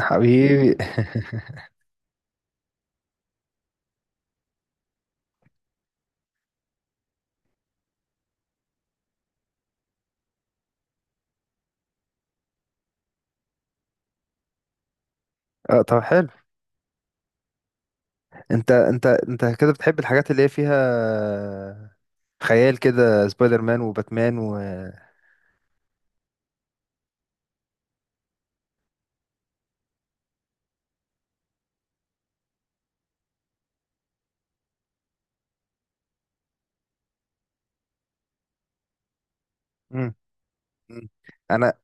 حبيبي. اه طب حلو. انت كده بتحب الحاجات اللي هي فيها خيال كده، سبايدر مان وباتمان و مم. مم. انا.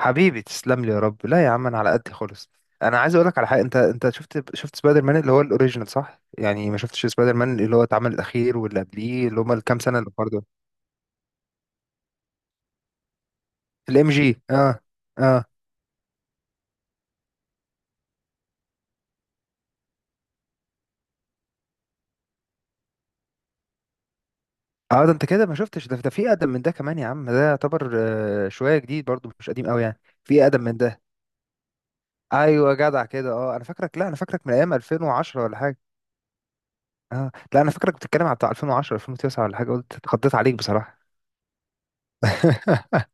حبيبي تسلم لي يا رب، لا يا عم انا على قد خالص. انا عايز اقول لك على حاجه، انت شفت سبايدر مان اللي هو الاوريجينال صح؟ يعني ما شفتش سبايدر مان اللي هو اتعمل الاخير واللي قبليه اللي هم الكام سنه اللي برضه الام جي. اه اه اه، ده انت كده ما شفتش، ده في اقدم من ده كمان يا عم. ده يعتبر شويه جديد برضه، مش قديم قوي، يعني في اقدم من ده. ايوه جدع كده، اه انا فاكرك، لا انا فاكرك من ايام 2010 ولا حاجه. اه لا انا فاكرك بتتكلم على بتاع 2010 2009 ولا حاجه، قلت اتخضيت عليك بصراحه.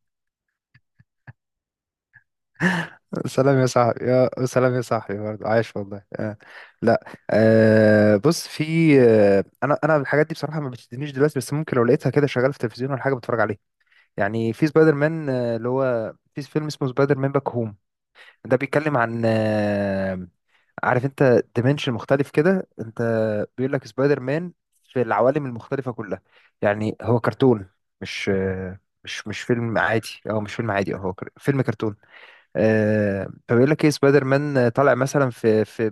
سلام يا صاحبي، يا سلام، يا صاحبي برضه عايش والله. لا آه بص، في انا الحاجات دي بصراحه ما بتشدنيش دلوقتي، بس ممكن لو لقيتها كده شغاله في التلفزيون ولا حاجه بتفرج عليها. يعني في سبايدر مان اللي هو في فيلم اسمه سبايدر مان باك هوم. ده بيتكلم عن عارف انت ديمنشن مختلف كده انت، بيقول لك سبايدر مان في العوالم المختلفة كلها. يعني هو كرتون، مش مش فيلم عادي، او مش فيلم عادي، أو هو فيلم كرتون. فبيقول لك ايه، سبايدر مان طالع مثلا في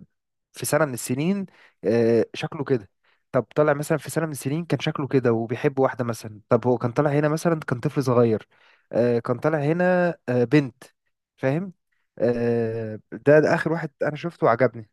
في سنة من السنين، شكله كده. طب طالع مثلا في سنة من السنين كان شكله كده وبيحب واحدة مثلا. طب هو كان طالع هنا مثلا كان طفل صغير، كان طالع هنا بنت. فاهم؟ ده آخر واحد أنا شفته وعجبني.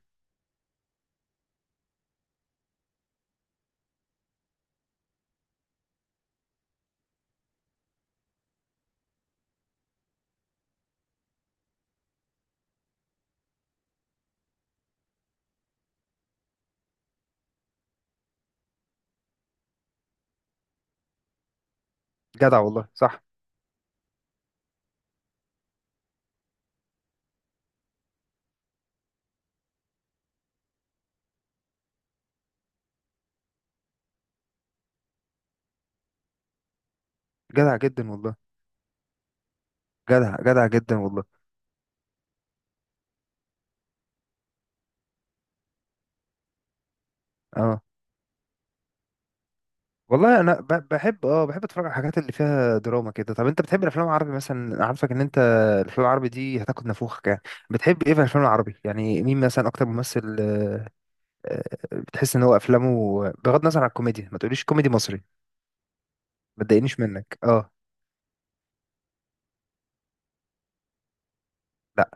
جدع والله صح، جدع جدا والله، جدع جدع جدا والله. اه والله انا بحب اتفرج على الحاجات اللي فيها دراما كده. طب انت بتحب الافلام العربي مثلا؟ أنا عارفك ان انت الافلام العربي دي هتاخد نفوخك يعني. بتحب ايه في الافلام العربي يعني؟ مين مثلا اكتر ممثل آه، بتحس ان هو افلامه بغض النظر عن الكوميديا؟ ما تقوليش كوميدي مصري، ما تضايقنيش منك اه، لا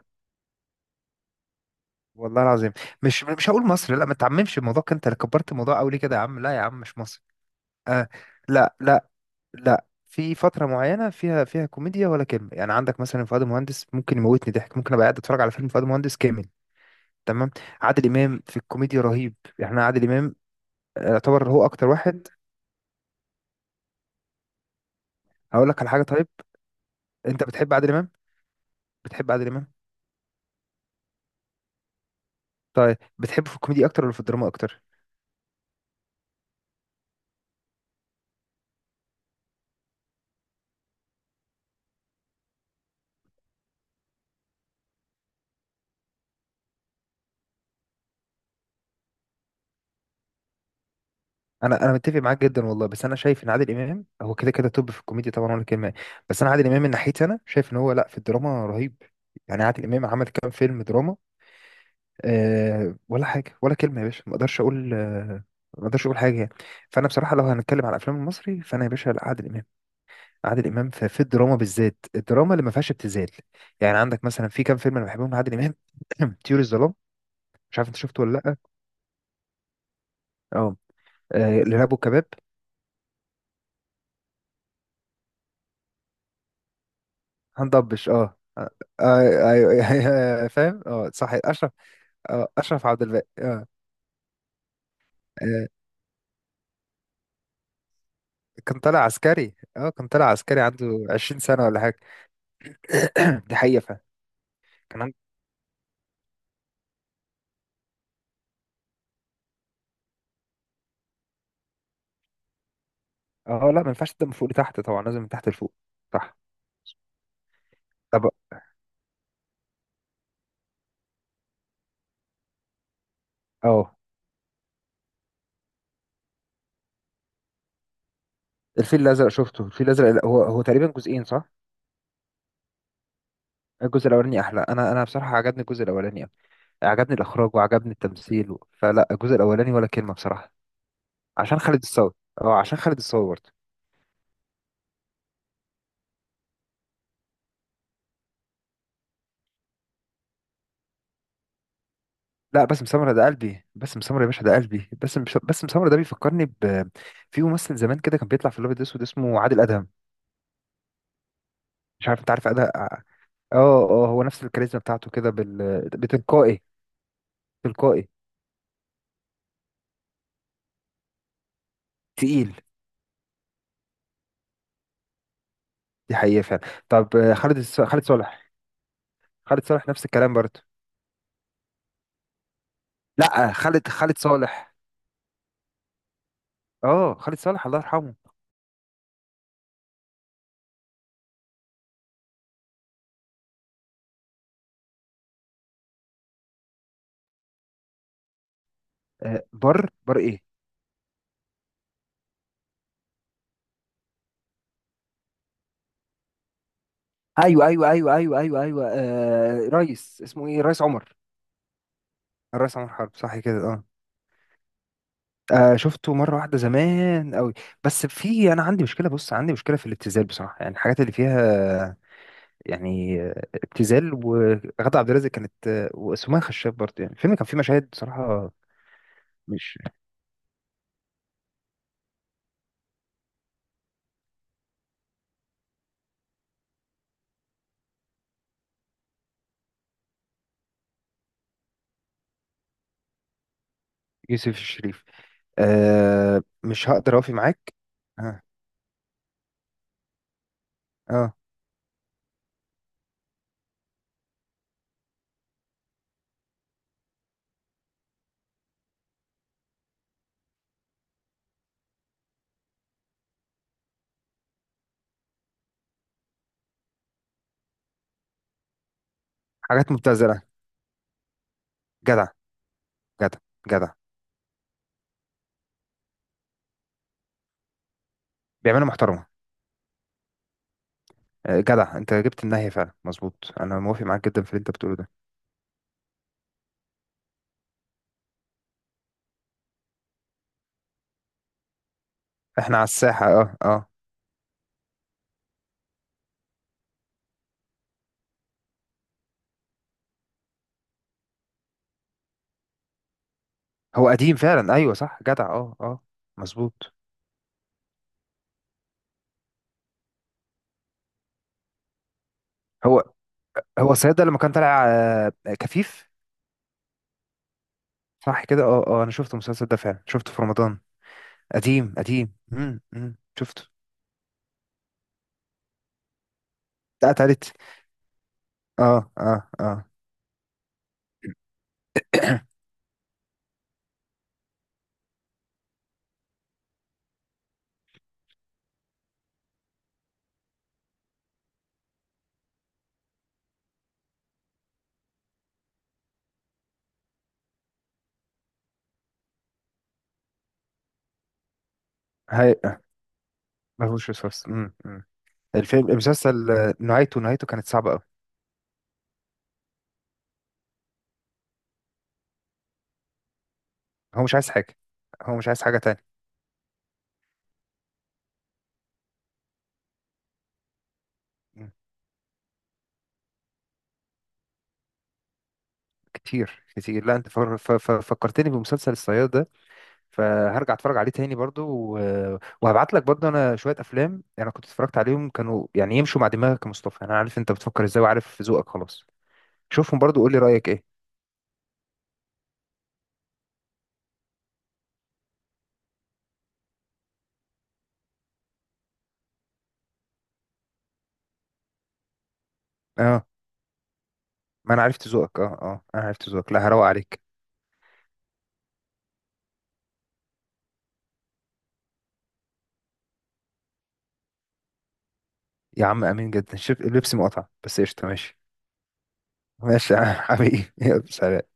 والله العظيم مش هقول مصري. لا ما تعممش الموضوع كده، انت اللي كبرت الموضوع قوي ليه كده يا عم؟ لا يا عم مش مصري. آه لا لا لا، في فترة معينة فيها كوميديا ولا كلمة. يعني عندك مثلا فؤاد مهندس ممكن يموتني ضحك، ممكن ابقى قاعد اتفرج على فيلم فؤاد مهندس كامل، تمام. عادل امام في الكوميديا رهيب يعني. أنا عادل امام يعتبر هو اكتر واحد. هقول لك على حاجة، طيب انت بتحب عادل امام؟ بتحب عادل امام؟ طيب بتحبه في الكوميديا اكتر ولا في الدراما اكتر؟ انا متفق معاك جدا والله، بس انا شايف ان عادل امام هو كده كده توب في الكوميديا طبعا ولا كلمة. بس انا عادل امام من ناحيتي انا شايف ان هو، لا، في الدراما رهيب. يعني عادل امام عمل كام فيلم دراما؟ أه، ولا حاجه ولا كلمه يا باشا، ما اقدرش اقول أه، ما اقدرش اقول حاجه يعني. فانا بصراحه لو هنتكلم على الافلام المصري، فانا يا باشا لا، عادل امام عادل امام في الدراما بالذات، الدراما اللي ما فيهاش ابتذال. يعني عندك مثلا في كام فيلم انا بحبهم لعادل امام. طيور الظلام، مش عارف انت شفته ولا لا؟ اه، الارهاب والكباب، هندبش اه، ايوه فاهم اه صح، اشرف، اشرف عبد الباقي اه. آه، كان طالع عسكري، اه كان طالع عسكري عنده 20 سنه ولا حاجه. دي حقيقه فعلا. كان اه لا، ما ينفعش تبدا من فوق لتحت طبعا، لازم من تحت لفوق، صح. طب اه الفيل الازرق، شفته الفيل الازرق؟ هو هو تقريبا جزئين صح؟ الجزء الاولاني احلى. انا بصراحه عجبني الجزء الاولاني أوي. عجبني الاخراج وعجبني التمثيل و... فلا الجزء الاولاني ولا كلمه بصراحه. عشان خالد الصاوي، اه عشان خالد الصاوي برضه. لا باسم سمرة ده قلبي، باسم سمرة يا باشا ده قلبي، باسم سمرة ده بيفكرني ب في ممثل زمان كده كان بيطلع في الابيض الاسود اسمه عادل ادهم. مش عارف انت عارف ادهم؟ اه، اه هو نفس الكاريزما بتاعته كده بتلقائي، تلقائي، تقيل. دي حقيقة فعلا. طب خالد صالح، خالد صالح نفس الكلام برضه. لا خالد صالح، اه خالد صالح الله يرحمه. بر بر ايه؟ ايوه ايوه ايوه ايوه ايوه ايوه، آه ريس اسمه ايه، ريس عمر، الريس عمر حرب، صح كده اه. آه شفته مرة واحدة زمان قوي، بس في انا عندي مشكلة. بص عندي مشكلة في الابتذال بصراحة. يعني الحاجات اللي فيها يعني ابتذال، وغادة عبد الرازق كانت وسمية خشاب برضه، يعني الفيلم كان فيه مشاهد بصراحة مش. يوسف الشريف؟ أه، مش هقدر اوفي معاك، اه اه، حاجات مبتذله. جدع جدع جدع، بيعملوا محترمه. جدع انت جبت النهايه فعلا، مظبوط، انا موافق معاك جدا في اللي انت بتقوله ده. احنا على الساحه، اه اه، هو قديم فعلا. ايوه صح جدع، اه اه مظبوط. هو هو الصياد ده لما كان طالع كفيف، صح كده اه. اه انا شفت المسلسل ده فعلا، شفته في رمضان، قديم قديم. شفته. اتقتلت، اه اه اه. هي مفهوش وسواس. الفيلم المسلسل نهايته، نهايته كانت صعبة قوي. هو مش عايز حاجة، هو مش عايز حاجة تانية. مم. كتير كتير. لا انت فكرتني بمسلسل الصياد ده، فهرجع اتفرج عليه تاني برضو وهبعت لك برضو. انا شوية افلام انا كنت اتفرجت عليهم كانوا يعني يمشوا مع دماغك يا مصطفى، انا عارف انت بتفكر ازاي وعارف ذوقك خلاص. شوفهم برضو قول لي رأيك ايه. اه ما انا عرفت ذوقك، اه اه انا عرفت ذوقك، لا هروق عليك. يا عم امين جدا، شوف اللبس مقطع بس قشطة ماشي. ماشي يا عم حبيبي، يلا سلام.